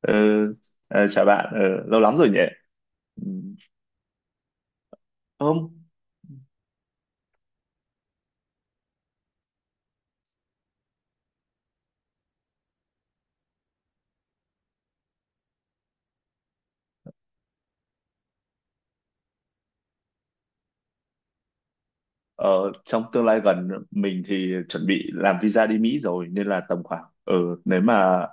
Ờ, chào bạn, lâu lắm rồi nhỉ? Ừm, Không, ờ, trong tương lai gần mình thì chuẩn bị làm visa đi Mỹ rồi nên là tầm khoảng nếu mà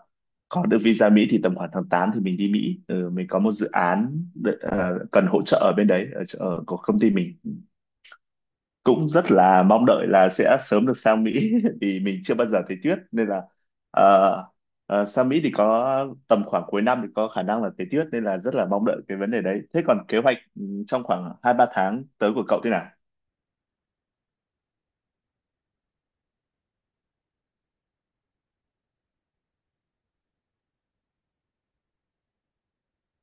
có được visa Mỹ thì tầm khoảng tháng 8 thì mình đi Mỹ. Ờ, mình có một dự án cần hỗ trợ ở bên đấy ở của công ty mình. Cũng rất là mong đợi là sẽ sớm được sang Mỹ vì mình chưa bao giờ thấy tuyết nên là ờ, sang Mỹ thì có tầm khoảng cuối năm thì có khả năng là thấy tuyết nên là rất là mong đợi cái vấn đề đấy. Thế còn kế hoạch trong khoảng hai ba tháng tới của cậu thế nào?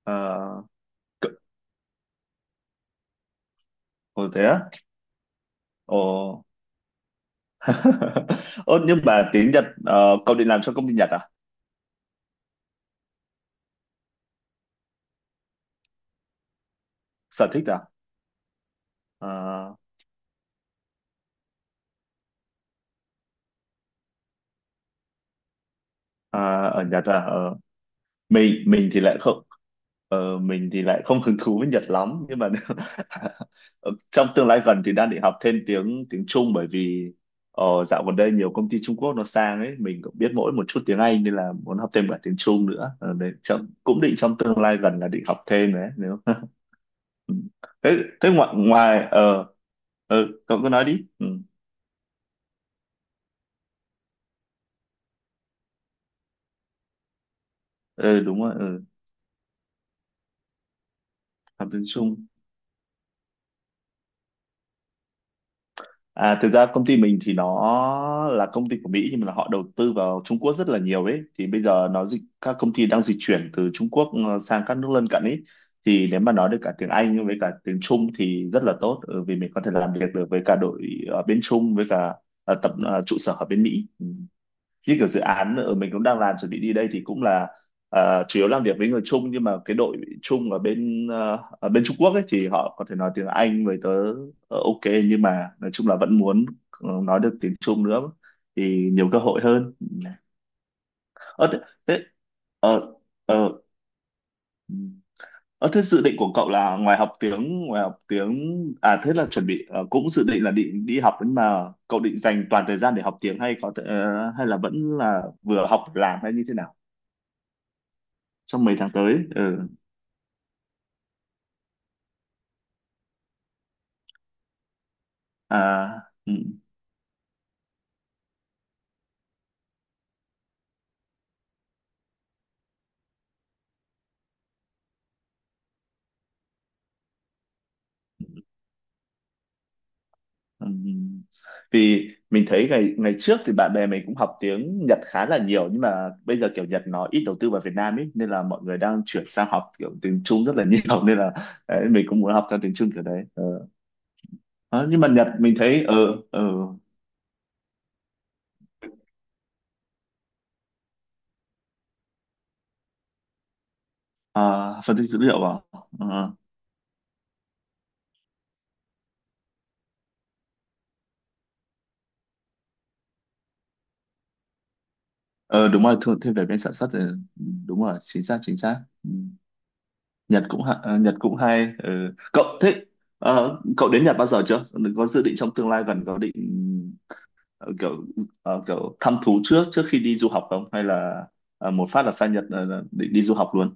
Ờ, cậu- Ồ thế á? Ồ. Ồ nhưng mà tiếng Nhật cậu định làm cho công ty Nhật à? Sở thích à? Ờ, ở Nhật à? Ờ. Mình mình thì lại không mình thì lại không hứng thú với Nhật lắm nhưng mà ờ, trong tương lai gần thì đang định học thêm tiếng tiếng Trung bởi vì dạo gần đây nhiều công ty Trung Quốc nó sang ấy mình cũng biết mỗi một chút tiếng Anh nên là muốn học thêm cả tiếng Trung nữa. Ờ, đấy, cũng định trong tương lai gần là định học thêm đấy nếu Ừ. thế thế ngoài ngoài ờ ờ, cậu cứ nói đi Ờ, đúng rồi học tiếng Trung. À, thực ra công ty mình thì nó là công ty của Mỹ nhưng mà họ đầu tư vào Trung Quốc rất là nhiều ấy, thì bây giờ nó dịch các công ty đang dịch chuyển từ Trung Quốc sang các nước lân cận ấy, thì nếu mà nói được cả tiếng Anh với cả tiếng Trung thì rất là tốt vì mình có thể làm việc được với cả đội ở bên Trung với cả trụ sở ở bên Mỹ. Như kiểu dự án ở mình cũng đang làm chuẩn bị đi đây thì cũng là chủ yếu làm việc với người Trung, nhưng mà cái đội Trung ở bên Trung Quốc ấy thì họ có thể nói tiếng Anh với tớ ok, nhưng mà nói chung là vẫn muốn nói được tiếng Trung nữa thì nhiều cơ hội hơn. Ờ thế thế ờ ờ ờ, thế dự định của cậu là ngoài học tiếng à thế là chuẩn bị cũng dự định là định đi học nhưng mà cậu định dành toàn thời gian để học tiếng hay có thể, hay là vẫn là vừa học vừa làm hay như thế nào, trong mấy tháng tới à ừ. Ừ. Vì mình thấy ngày ngày trước thì bạn bè mình cũng học tiếng Nhật khá là nhiều, nhưng mà bây giờ kiểu Nhật nó ít đầu tư vào Việt Nam ấy nên là mọi người đang chuyển sang học kiểu tiếng Trung rất là nhiều, nên là đấy, mình cũng muốn học theo tiếng Trung kiểu đấy Ờ, nhưng mà Nhật mình thấy ở ừ, ở à, phân tích dữ liệu à ờ Ờ, đúng rồi thêm về bên sản xuất thì đúng rồi, chính xác chính xác. Ừ. Nhật cũng hay Cậu đến Nhật bao giờ chưa, có dự định trong tương lai gần có định ờ, kiểu kiểu thăm thú trước trước khi đi du học không, hay là một phát là sang Nhật định đi du học luôn?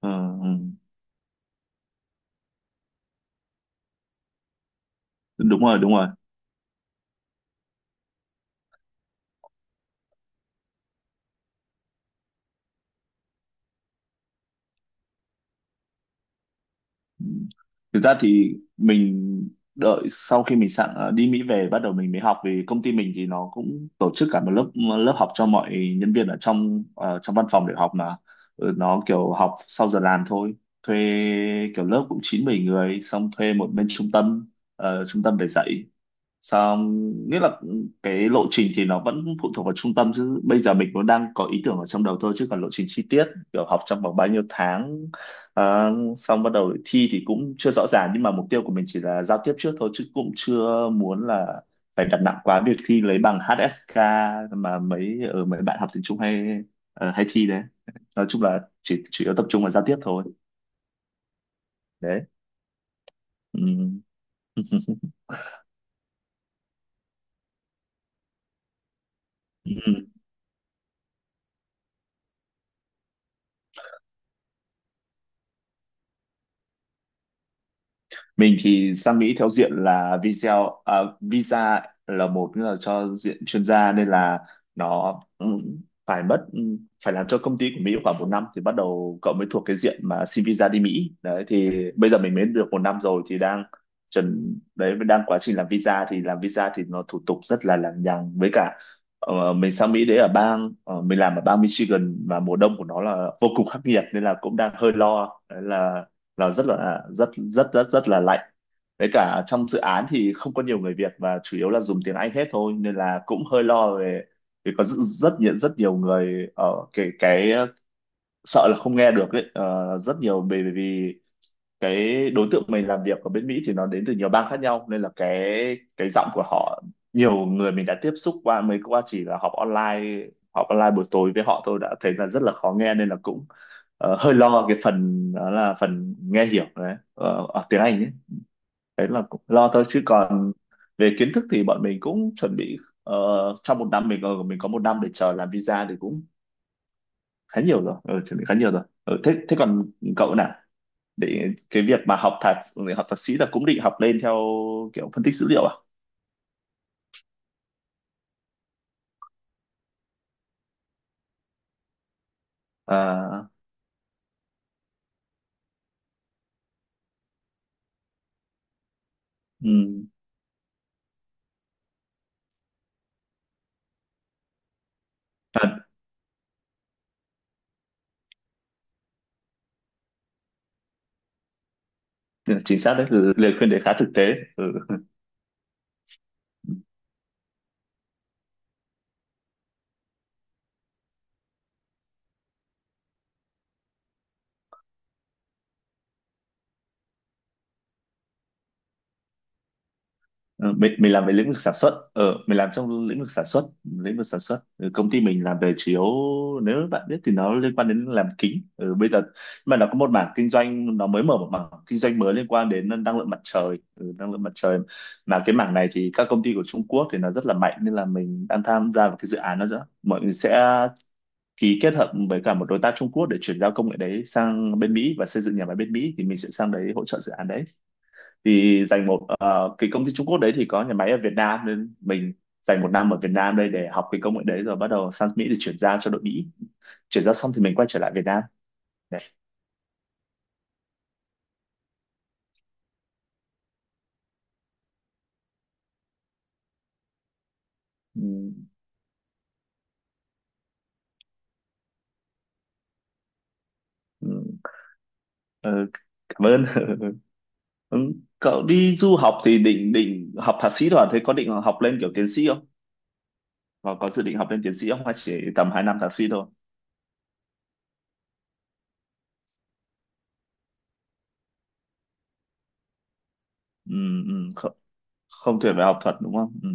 Ờ, ừ. Đúng rồi đúng rồi, thực ra thì mình đợi sau khi mình sẵn đi Mỹ về bắt đầu mình mới học, vì công ty mình thì nó cũng tổ chức cả một lớp lớp học cho mọi nhân viên trong văn phòng để học mà. Ừ, nó kiểu học sau giờ làm thôi, thuê kiểu lớp cũng chín 10 người xong thuê một bên trung tâm trung tâm về dạy. Xong nghĩa là cái lộ trình thì nó vẫn phụ thuộc vào trung tâm, chứ bây giờ mình cũng đang có ý tưởng ở trong đầu thôi, chứ còn lộ trình chi tiết kiểu học trong vòng bao nhiêu tháng xong bắt đầu thi thì cũng chưa rõ ràng, nhưng mà mục tiêu của mình chỉ là giao tiếp trước thôi, chứ cũng chưa muốn là phải đặt nặng quá việc thi lấy bằng HSK mà mấy bạn học tiếng Trung hay thi đấy, nói chung là chỉ chủ yếu tập trung vào giao tiếp thôi đấy ừ. Mình thì sang Mỹ theo diện là visa à, visa là một nữa là cho diện chuyên gia nên là nó phải mất phải làm cho công ty của Mỹ khoảng một năm thì bắt đầu cậu mới thuộc cái diện mà xin visa đi Mỹ đấy, thì bây giờ mình mới được một năm rồi thì đang chuẩn đấy, đang quá trình làm visa thì nó thủ tục rất là lằng nhằng. Với cả mình sang Mỹ đấy mình làm ở bang Michigan và mùa đông của nó là vô cùng khắc nghiệt nên là cũng đang hơi lo đấy là rất là rất rất rất rất là lạnh. Với cả trong dự án thì không có nhiều người Việt và chủ yếu là dùng tiếng Anh hết thôi nên là cũng hơi lo về, vì có rất rất nhiều người ở cái sợ là không nghe được ấy rất nhiều, bởi vì cái đối tượng mình làm việc ở bên Mỹ thì nó đến từ nhiều bang khác nhau nên là cái giọng của họ nhiều người mình đã tiếp xúc qua mới qua chỉ là họp online buổi tối với họ tôi đã thấy là rất là khó nghe nên là cũng hơi lo cái phần đó là phần nghe hiểu đấy ở tiếng Anh ấy. Đấy là cũng lo thôi, chứ còn về kiến thức thì bọn mình cũng chuẩn bị ờ, trong một năm mình có một năm để chờ làm visa thì cũng khá nhiều rồi chuẩn bị khá nhiều rồi thế thế còn cậu nào, để cái việc mà học thạc sĩ là cũng định học lên theo kiểu phân tích dữ liệu à, à ừ, chính xác đấy ừ, lời khuyên đấy khá thực tế ừ. Ừ, mình làm về lĩnh vực sản xuất mình làm trong lĩnh vực sản xuất công ty mình làm về chủ yếu nếu bạn biết thì nó liên quan đến làm kính bây giờ mà nó có một mảng kinh doanh, nó mới mở một mảng kinh doanh mới liên quan đến năng lượng mặt trời năng lượng mặt trời mà cái mảng này thì các công ty của Trung Quốc thì nó rất là mạnh nên là mình đang tham gia vào cái dự án đó nữa. Mọi người sẽ ký kết hợp với cả một đối tác Trung Quốc để chuyển giao công nghệ đấy sang bên Mỹ và xây dựng nhà máy bên Mỹ, thì mình sẽ sang đấy hỗ trợ dự án đấy. Thì dành một ờ, cái công ty Trung Quốc đấy thì có nhà máy ở Việt Nam, nên mình dành một năm ở Việt Nam đây để học cái công nghệ đấy rồi bắt đầu sang Mỹ để chuyển giao cho đội Mỹ. Chuyển giao xong thì mình quay trở lại Việt Nam. Đấy. Ừ, ừ, ờ, cảm ơn. Ừ, cậu đi du học thì định định học thạc sĩ rồi thế có định học lên kiểu tiến sĩ không? Có dự định học lên tiến sĩ không hay chỉ tầm 2 năm thạc sĩ thôi? Ừ, ừ, không tuyển về học thuật đúng không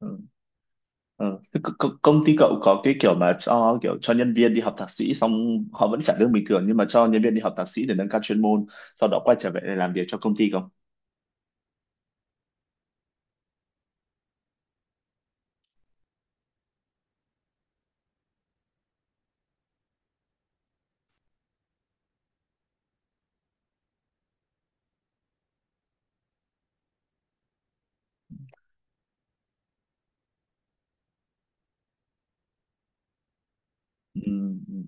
Ừ. Ừ. Thế công ty cậu có cái kiểu mà cho kiểu cho nhân viên đi học thạc sĩ xong họ vẫn trả lương bình thường nhưng mà cho nhân viên đi học thạc sĩ để nâng cao chuyên môn sau đó quay trở về để làm việc cho công ty không ừ. Ừ.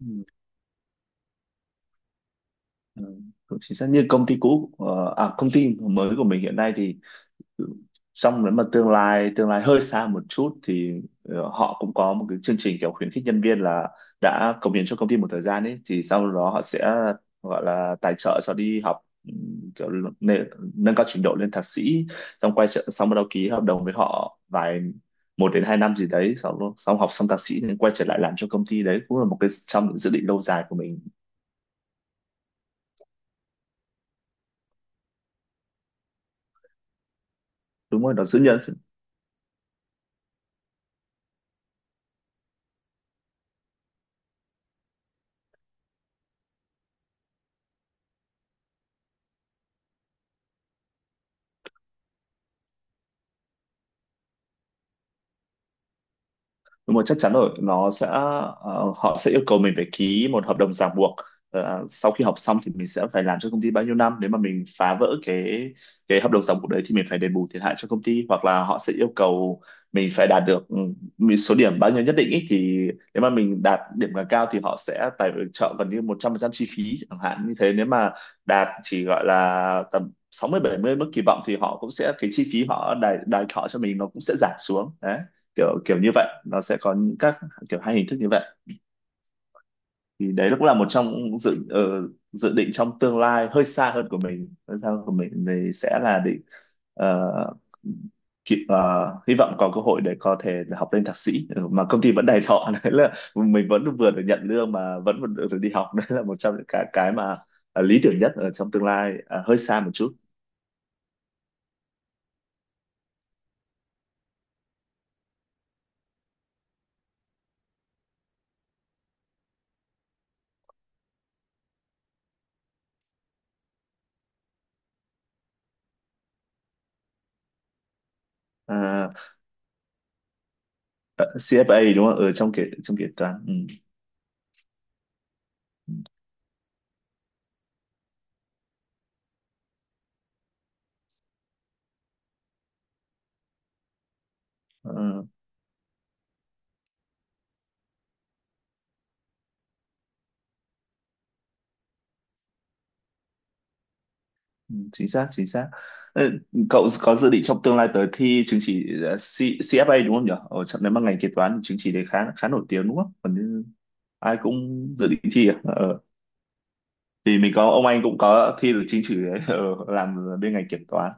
Ừ. Ừ. Cũng chính xác như công ty cũ công ty mới của mình hiện nay thì xong nếu mà tương lai hơi xa một chút thì họ cũng có một cái chương trình kiểu khuyến khích nhân viên là đã cống hiến cho công ty một thời gian ấy thì sau đó họ sẽ gọi là tài trợ cho đi học, kiểu nâng, nâng cao trình độ lên thạc sĩ, xong quay trở xong bắt đầu ký hợp đồng với họ một đến 2 năm gì đấy, xong xong học xong thạc sĩ nên quay trở lại làm cho công ty. Đấy cũng là một cái trong những dự định lâu dài của mình. Đúng rồi, nó giữ nhân. Đúng rồi, chắc chắn rồi, nó sẽ họ sẽ yêu cầu mình phải ký một hợp đồng ràng buộc. Ờ, sau khi học xong thì mình sẽ phải làm cho công ty bao nhiêu năm, nếu mà mình phá vỡ cái hợp đồng ràng buộc đấy thì mình phải đền bù thiệt hại cho công ty, hoặc là họ sẽ yêu cầu mình phải đạt được một số điểm bao nhiêu nhất định ý. Thì nếu mà mình đạt điểm càng cao thì họ sẽ tài trợ gần như 100% chi phí, chẳng hạn như thế. Nếu mà đạt chỉ gọi là tầm 60 70 mức kỳ vọng thì họ cũng sẽ, cái chi phí họ đài đài thọ cho mình nó cũng sẽ giảm xuống. Đấy, kiểu kiểu như vậy, nó sẽ có những các kiểu hai hình thức như vậy. Thì đấy cũng là một trong dự định trong tương lai hơi xa hơn của mình, thì sẽ là định ờ, kịp- ờ, hy vọng có cơ hội để có thể là học lên thạc sĩ. Ừ, mà công ty vẫn đầy thọ đấy là mình vẫn vừa được nhận lương mà vẫn vẫn được đi học. Đấy là một trong những cái mà lý tưởng nhất ở trong tương lai. À, hơi xa một chút. À, CFA đúng không, ở trong kế toán? Ừ. Ờ. Ừ, chính xác, chính xác. Ờ, cậu có dự định trong tương lai tới thi chứng chỉ CFA đúng không nhỉ? Ở trong, nếu mà ngành kế toán thì chứng chỉ đấy khá khá nổi tiếng đúng không, còn như ai cũng dự định thi à? Ờ, vì mình có ông anh cũng có thi được chứng chỉ đấy, làm bên ngành kiểm toán.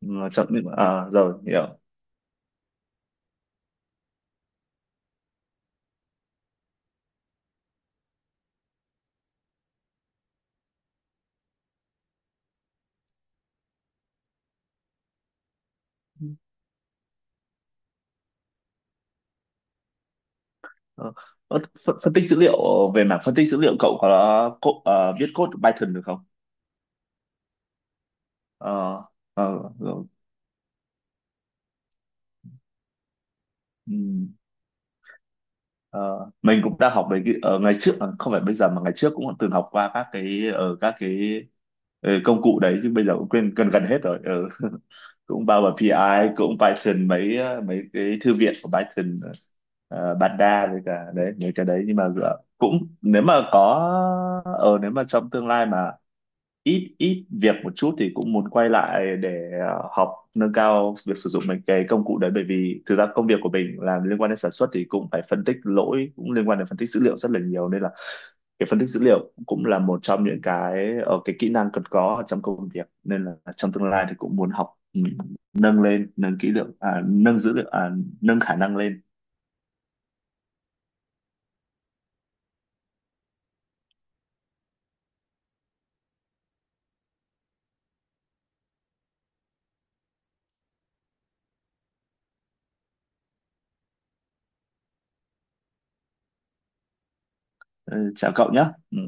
Ừ, trong những à, rồi hiểu. Ờ, ờ, phân tích dữ liệu. Ờ, về mảng phân tích dữ liệu cậu có viết code Python được không? Ờ, ờ, rồi. Ừ. Ờ, mình cũng đã học về cái ở ngày trước, à, không phải bây giờ mà ngày trước cũng từng học qua các cái ở công cụ đấy, chứ bây giờ cũng quên gần gần hết rồi. Ừ. Cũng bao gồm pê I cũng Python, mấy cái thư viện của Python, Panda với cả đấy mấy cái đấy. Nhưng mà dựa cũng, nếu mà có nếu mà trong tương lai mà ít ít việc một chút thì cũng muốn quay lại để học nâng cao việc sử dụng mấy cái công cụ đấy, bởi vì thực ra công việc của mình làm liên quan đến sản xuất thì cũng phải phân tích lỗi, cũng liên quan đến phân tích dữ liệu rất là nhiều, nên là cái phân tích dữ liệu cũng là một trong những cái kỹ năng cần có ở trong công việc, nên là trong tương lai thì cũng muốn học nâng lên, nâng kỹ lượng à, nâng dữ liệu à, nâng khả năng lên. Ừ, chào cậu nhé. Ừ.